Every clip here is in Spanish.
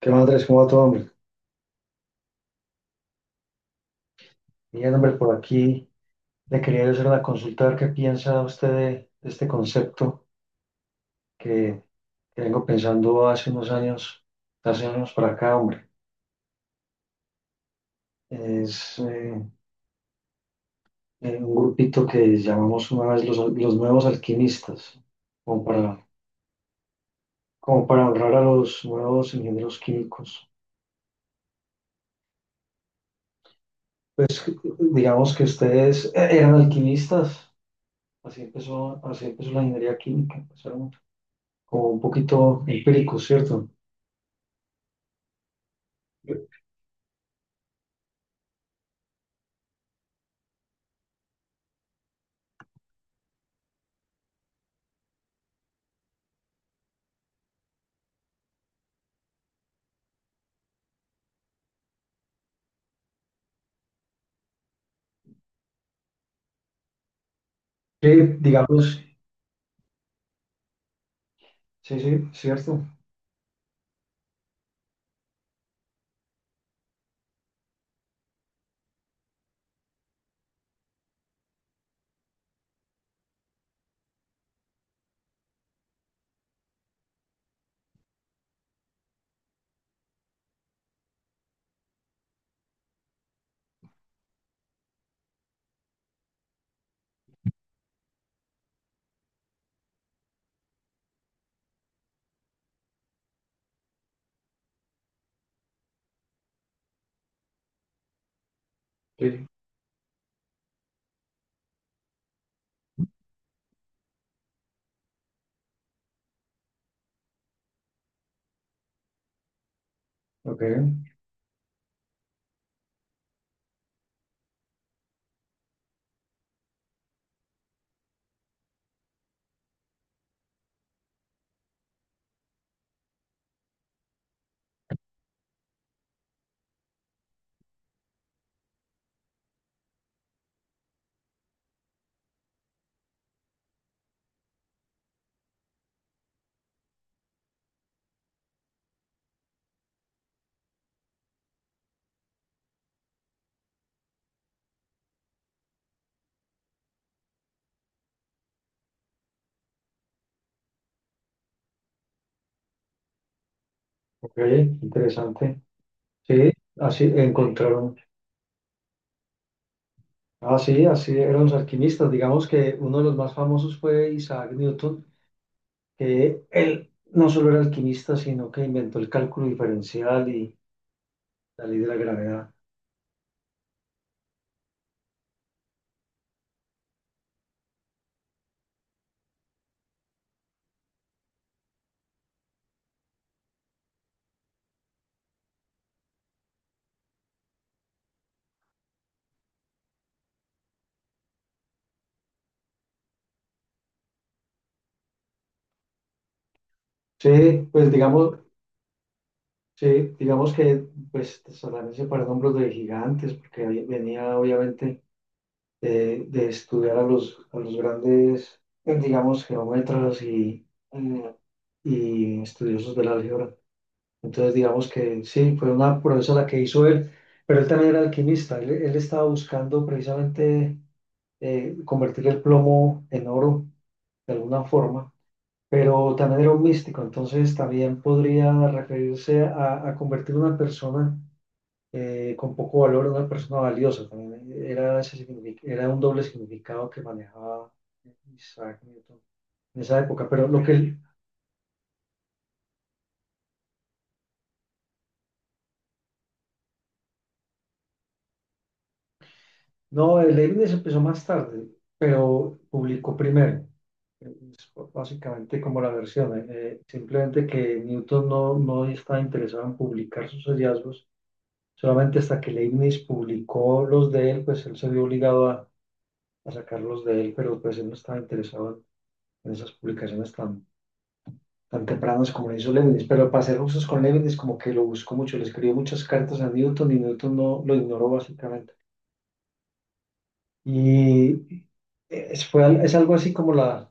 ¿Qué más, Andrés? ¿Cómo va todo, hombre? Bien, hombre, por aquí le quería hacer una consulta, a ver qué piensa usted de este concepto que, que vengo pensando hace unos años, hace años para acá, hombre. Es un grupito que llamamos una vez los nuevos alquimistas, como para, como para honrar a los nuevos ingenieros químicos. Pues digamos que ustedes eran alquimistas, así empezó la ingeniería química, empezaron como un poquito empíricos, ¿cierto? Sí, digamos, sí, sí, cierto. Sí, ok, ok, interesante. Sí, así encontraron. Ah, sí, así eran los alquimistas. Digamos que uno de los más famosos fue Isaac Newton, que él no solo era alquimista, sino que inventó el cálculo diferencial y la ley de la gravedad. Sí, pues digamos, sí, digamos que pues también se pararon hombros de gigantes, porque ahí venía obviamente de estudiar a los grandes, digamos, geómetras y estudiosos del álgebra. Entonces, digamos que sí, fue una proeza la que hizo él, pero él también era alquimista. Él estaba buscando precisamente convertir el plomo en oro de alguna forma, pero también era un místico, entonces también podría referirse a convertir una persona con poco valor, una persona valiosa. También era un doble significado que manejaba Isaac Newton en esa época. Pero lo que él, no, el Leibniz empezó más tarde, pero publicó primero. Es básicamente como la versión, simplemente que Newton no estaba interesado en publicar sus hallazgos, solamente hasta que Leibniz publicó los de él, pues él se vio obligado a sacarlos de él, pero pues él no estaba interesado en esas publicaciones tan tempranos como lo hizo Leibniz, pero para ser justos con Leibniz como que lo buscó mucho, le escribió muchas cartas a Newton y Newton no lo ignoró básicamente. Y es algo así como la,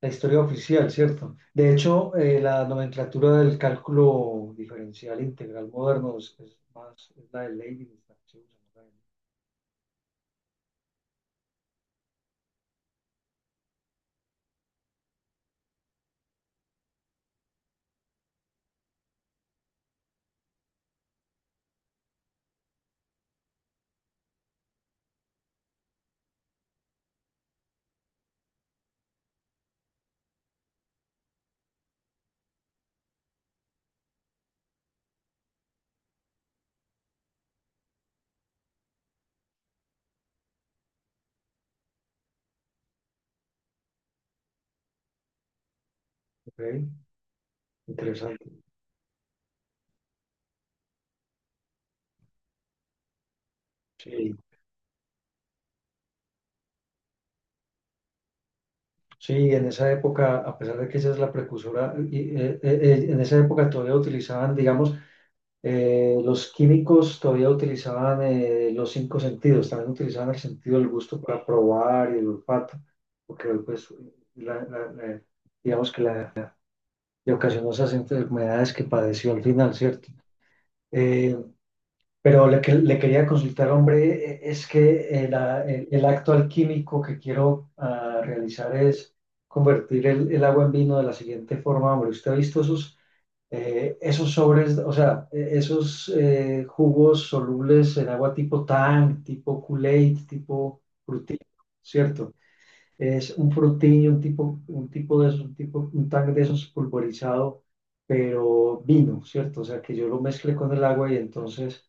la historia oficial, ¿cierto? De hecho, la nomenclatura del cálculo diferencial integral moderno es más es la de Leibniz, la que se usa, ¿no? Ok, interesante. Sí, sí, en esa época, a pesar de que esa es la precursora, y, en esa época todavía utilizaban, digamos, los químicos todavía utilizaban los cinco sentidos, también utilizaban el sentido del gusto para probar y el olfato, porque pues la- la- la- digamos que le ocasionó esas enfermedades que padeció al final, ¿cierto? Eh, pero le quería consultar, hombre, es que el acto alquímico que quiero realizar es convertir el agua en vino de la siguiente forma, hombre. ¿Usted ha visto esos? Esos sobres, o sea, esos jugos solubles en agua tipo Tang, tipo Kool-Aid, tipo Fruity, ¿cierto? Es un Fruity, un tipo de esos, un Tang de esos pulverizado, pero vino, ¿cierto? O sea, que yo lo mezcle con el agua y entonces,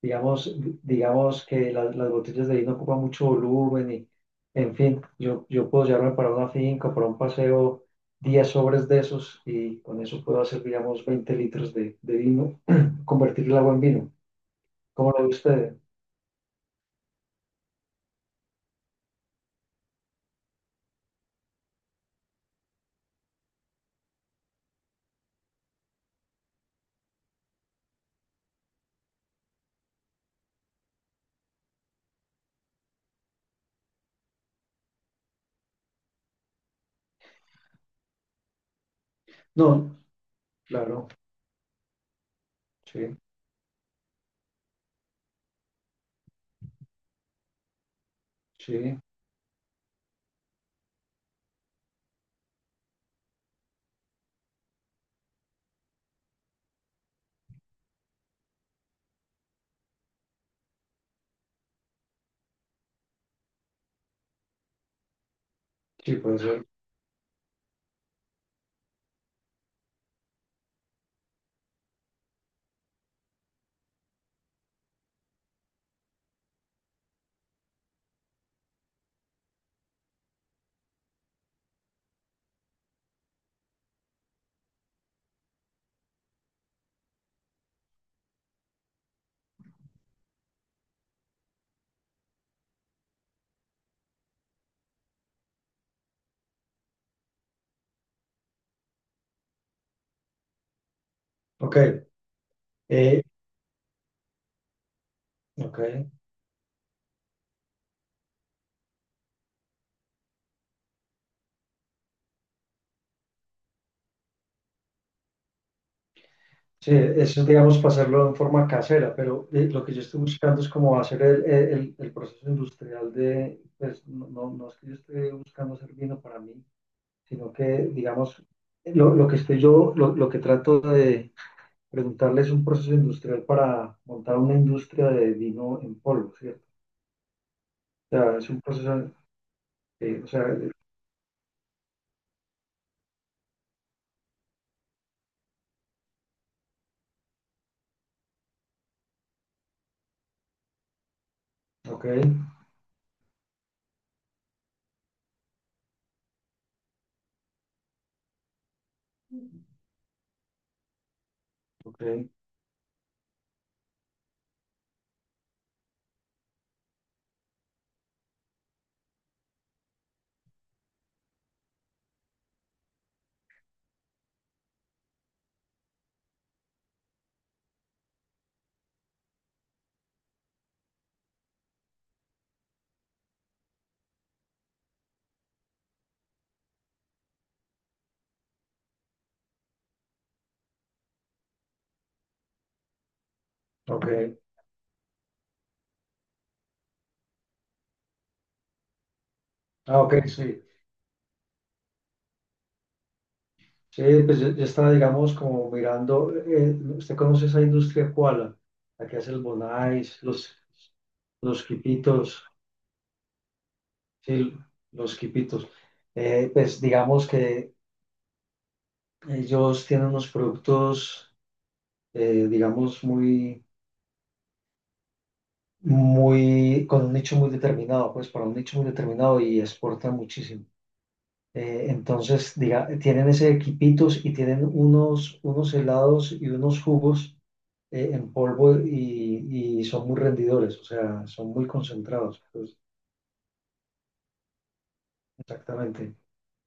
Digamos, digamos que las botellas de vino ocupan mucho volumen y, en fin, yo puedo llevarme para una finca, para un paseo, 10 sobres de esos y con eso puedo hacer, digamos, 20 litros de vino, convertir el agua en vino. ¿Cómo lo ve usted? No, claro, sí, sí, sí, puede ser. Ok, eh, ok. Sí, eso es, digamos, para hacerlo en forma casera, pero lo que yo estoy buscando es como hacer el proceso industrial de, pues, no, no es que yo esté buscando hacer vino para mí, sino que, digamos, lo que estoy yo, lo que trato de preguntarle es un proceso industrial para montar una industria de vino en polvo, ¿cierto? O sea, es un proceso, o sea, ok, ok, ok, ah, ok, sí. Sí, pues yo estaba, digamos, como mirando, ¿usted conoce esa industria Koala? La que hace los bonais, los quipitos, sí, los quipitos. Pues digamos que ellos tienen unos productos, digamos, muy, muy, con un nicho muy determinado, pues para un nicho muy determinado y exportan muchísimo. Entonces, diga, tienen ese quipitos y tienen unos helados y unos jugos en polvo y son muy rendidores, o sea, son muy concentrados, pues, exactamente,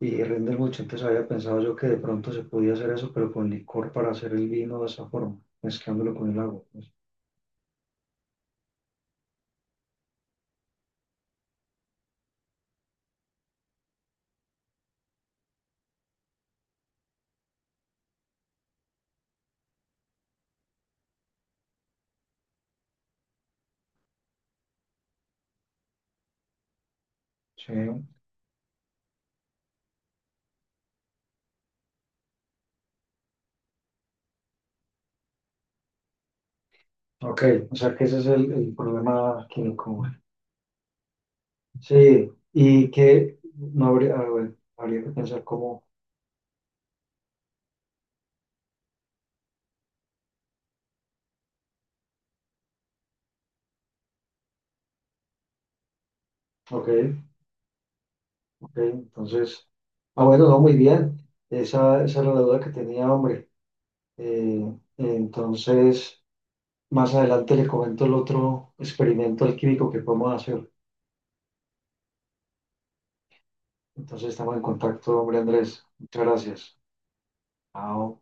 y rinden mucho. Entonces había pensado yo que de pronto se podía hacer eso, pero con licor para hacer el vino de esa forma, mezclándolo con el agua. Pues. Sí, ok, o sea que ese es el problema químico. Sí, y que no habría, ah, bueno, habría que pensar cómo, ok, ok, entonces, ah, bueno, no, muy bien, esa era la duda que tenía, hombre. Eh, entonces, más adelante le comento el otro experimento alquímico que podemos hacer. Entonces estamos en contacto, hombre, Andrés. Muchas gracias. Chao.